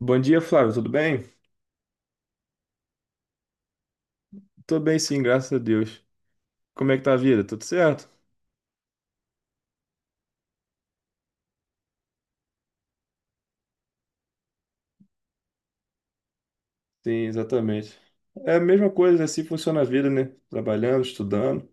Bom dia, Flávio, tudo bem? Tô bem sim, graças a Deus. Como é que tá a vida? Tudo certo? Sim, exatamente. É a mesma coisa, assim funciona a vida, né? Trabalhando, estudando,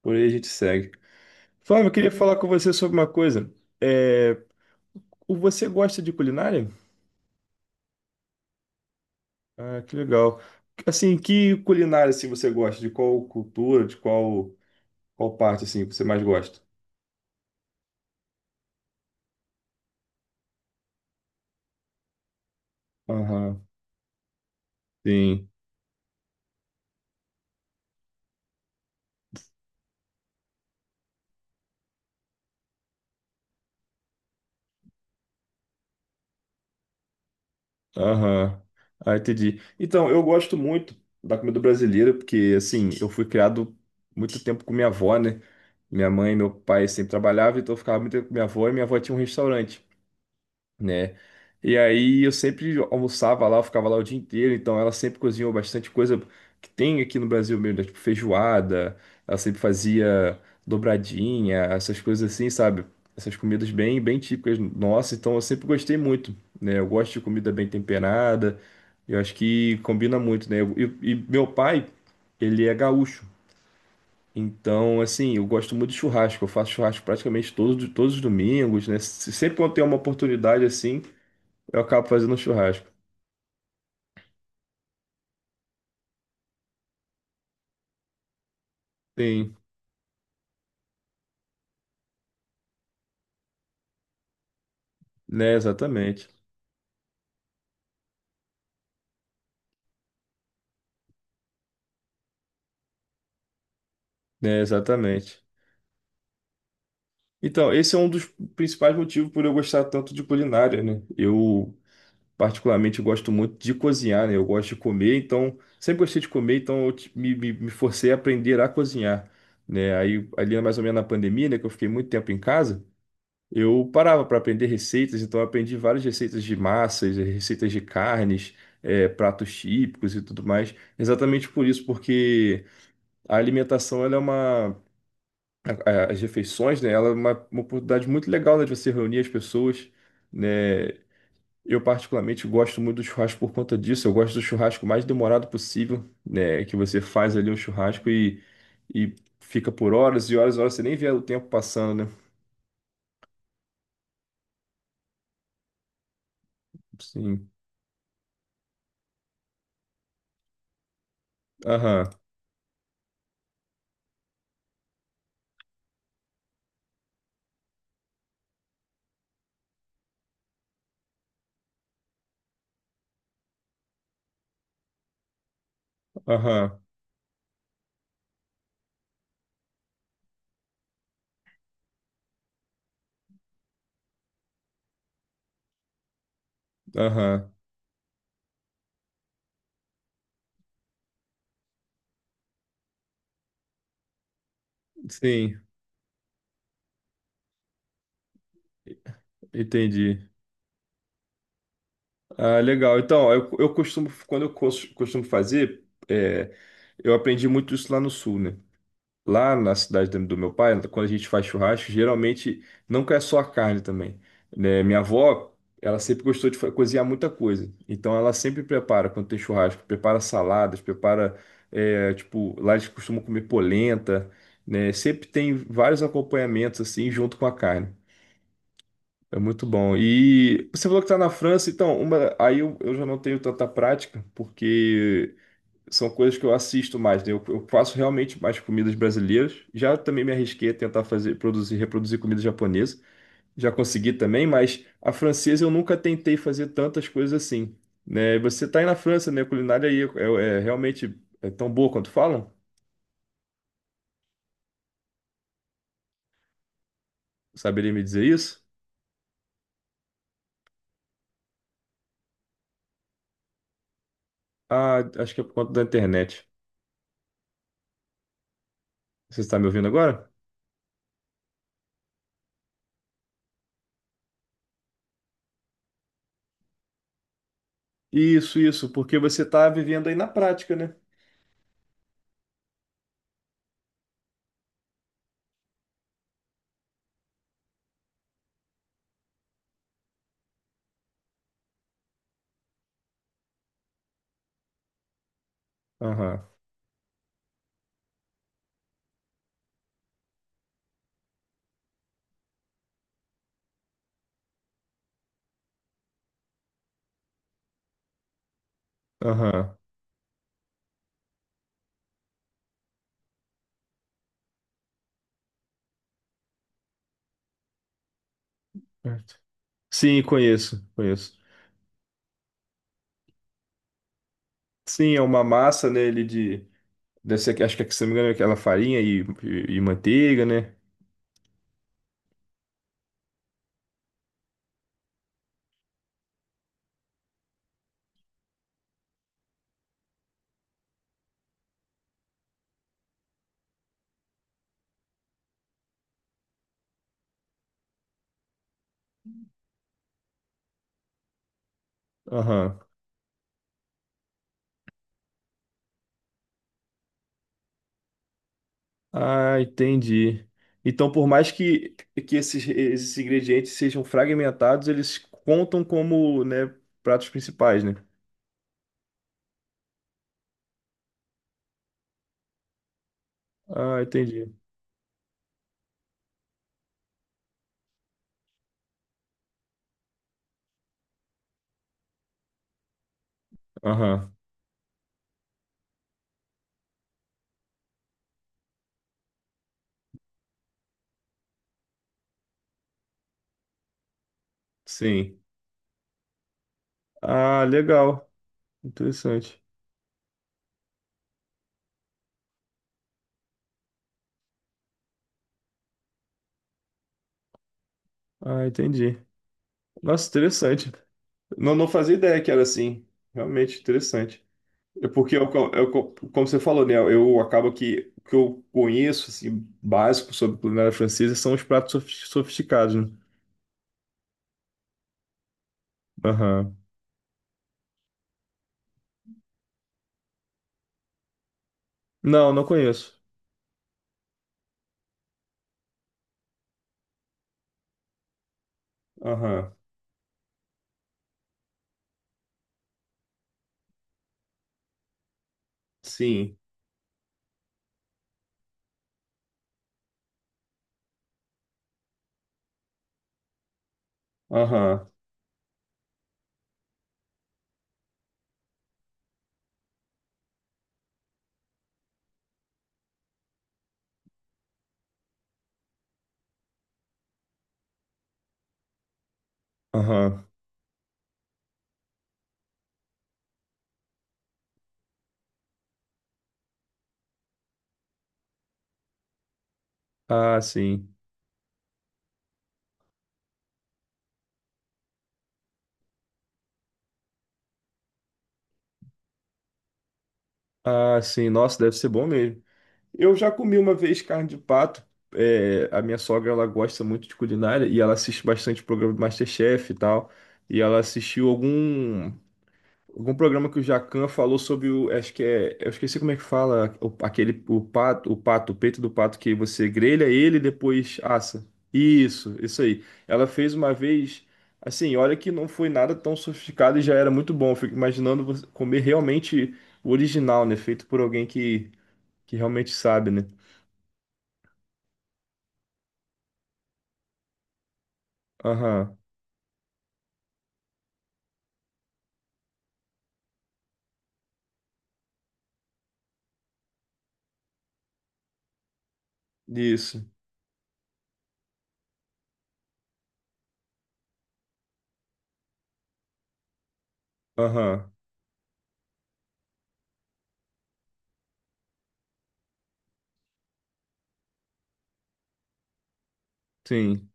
por aí a gente segue. Flávio, eu queria falar com você sobre uma coisa. É, você gosta de culinária? Ah, que legal. Assim, que culinária assim, você gosta? De qual cultura, de qual, qual parte assim, você mais gosta? Aham, sim. Aham. Ah, entendi. Então, eu gosto muito da comida brasileira, porque, assim, eu fui criado muito tempo com minha avó, né? Minha mãe e meu pai sempre trabalhavam, então eu ficava muito tempo com minha avó, e minha avó tinha um restaurante, né? E aí eu sempre almoçava lá, eu ficava lá o dia inteiro, então ela sempre cozinhou bastante coisa que tem aqui no Brasil mesmo, né? Tipo feijoada, ela sempre fazia dobradinha, essas coisas assim, sabe? Essas comidas bem, bem típicas nossas, então eu sempre gostei muito, né? Eu gosto de comida bem temperada, eu acho que combina muito, né? E meu pai, ele é gaúcho. Então, assim, eu gosto muito de churrasco. Eu faço churrasco praticamente todos os domingos, né? Sempre quando tem uma oportunidade assim, eu acabo fazendo um churrasco. Sim, né? Exatamente. Né? Exatamente. Então, esse é um dos principais motivos por eu gostar tanto de culinária, né? Eu, particularmente, gosto muito de cozinhar, né? Eu gosto de comer, então, sempre gostei de comer, então eu te- me forcei a aprender a cozinhar, né? Aí, ali mais ou menos na pandemia, né, que eu fiquei muito tempo em casa, eu parava para aprender receitas, então eu aprendi várias receitas de massas, receitas de carnes, pratos típicos e tudo mais, exatamente por isso, porque a alimentação, as refeições, né? Ela é uma oportunidade muito legal, né, de você reunir as pessoas, né? Eu particularmente gosto muito do churrasco por conta disso. Eu gosto do churrasco mais demorado possível, né? Que você faz ali um churrasco e fica por horas e horas e horas, você nem vê o tempo passando, né? Sim. Aham, aham, aham. Sim, entendi. Ah, legal. Então, eu costumo, quando costumo fazer, é, eu aprendi muito isso lá no sul, né? Lá na cidade do meu pai, quando a gente faz churrasco, geralmente não é só a carne também. Né? Minha avó, ela sempre gostou de cozinhar muita coisa. Então ela sempre prepara, quando tem churrasco, prepara saladas, prepara, é, tipo, lá eles costumam comer polenta, né? Sempre tem vários acompanhamentos assim junto com a carne. É muito bom. E você falou que está na França, então, uma, aí eu já não tenho tanta prática, porque são coisas que eu assisto mais, né? Eu faço realmente mais comidas brasileiras. Já também me arrisquei a tentar fazer, produzir, reproduzir comida japonesa. Já consegui também, mas a francesa eu nunca tentei fazer tantas coisas assim, né? Você tá aí na França, né? A culinária aí é, é realmente é tão boa quanto falam? Saberia me dizer isso? Ah, acho que é por conta da internet. Você está me ouvindo agora? Isso, porque você tá vivendo aí na prática, né? Aham, aham. Certo. Sim, conheço, conheço. Sim, é uma massa, né, ele de deve ser, acho que, se não me engano, é aquela farinha e manteiga, né? Aham. Ah, entendi. Então, por mais que esses, esses ingredientes sejam fragmentados, eles contam como, né, pratos principais, né? Ah, entendi. Aham, sim. Ah, legal. Interessante. Ah, entendi. Nossa, interessante. Não, não fazia ideia que era assim. Realmente interessante. É porque como você falou, né? Eu acabo que o que eu conheço, assim, básico sobre culinária francesa são os pratos sofisticados, né? Aham. Não, não conheço. Aham. Sim. Aham. Aham. Ah, sim. Ah, sim. Nossa, deve ser bom mesmo. Eu já comi uma vez carne de pato. É, a minha sogra, ela gosta muito de culinária e ela assiste bastante programa do MasterChef e tal. E ela assistiu algum. Algum programa que o Jacan falou sobre o. Acho que é. Eu esqueci como é que fala. O, aquele. O pato, o pato, o peito do pato que você grelha ele e depois assa. Isso aí. Ela fez uma vez. Assim, olha que não foi nada tão sofisticado e já era muito bom. Eu fico imaginando você comer realmente o original, né? Feito por alguém que realmente sabe, né? Aham. Isso. Aham. Sim.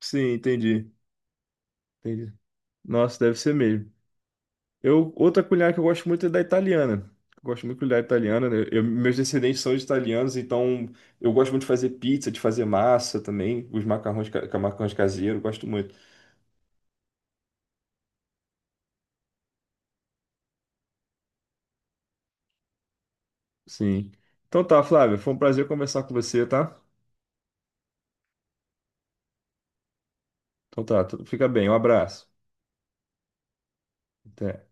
Sim, entendi. Entendi. Nossa, deve ser mesmo. Eu, outra culinária que eu gosto muito é da italiana. Eu gosto muito de culinária italiana, né? Meus descendentes são de italianos, então eu gosto muito de fazer pizza, de fazer massa também, os macarrões, macarrões caseiros, gosto muito. Sim. Então tá, Flávio, foi um prazer conversar com você, tá? Então tá, fica bem, um abraço. Até.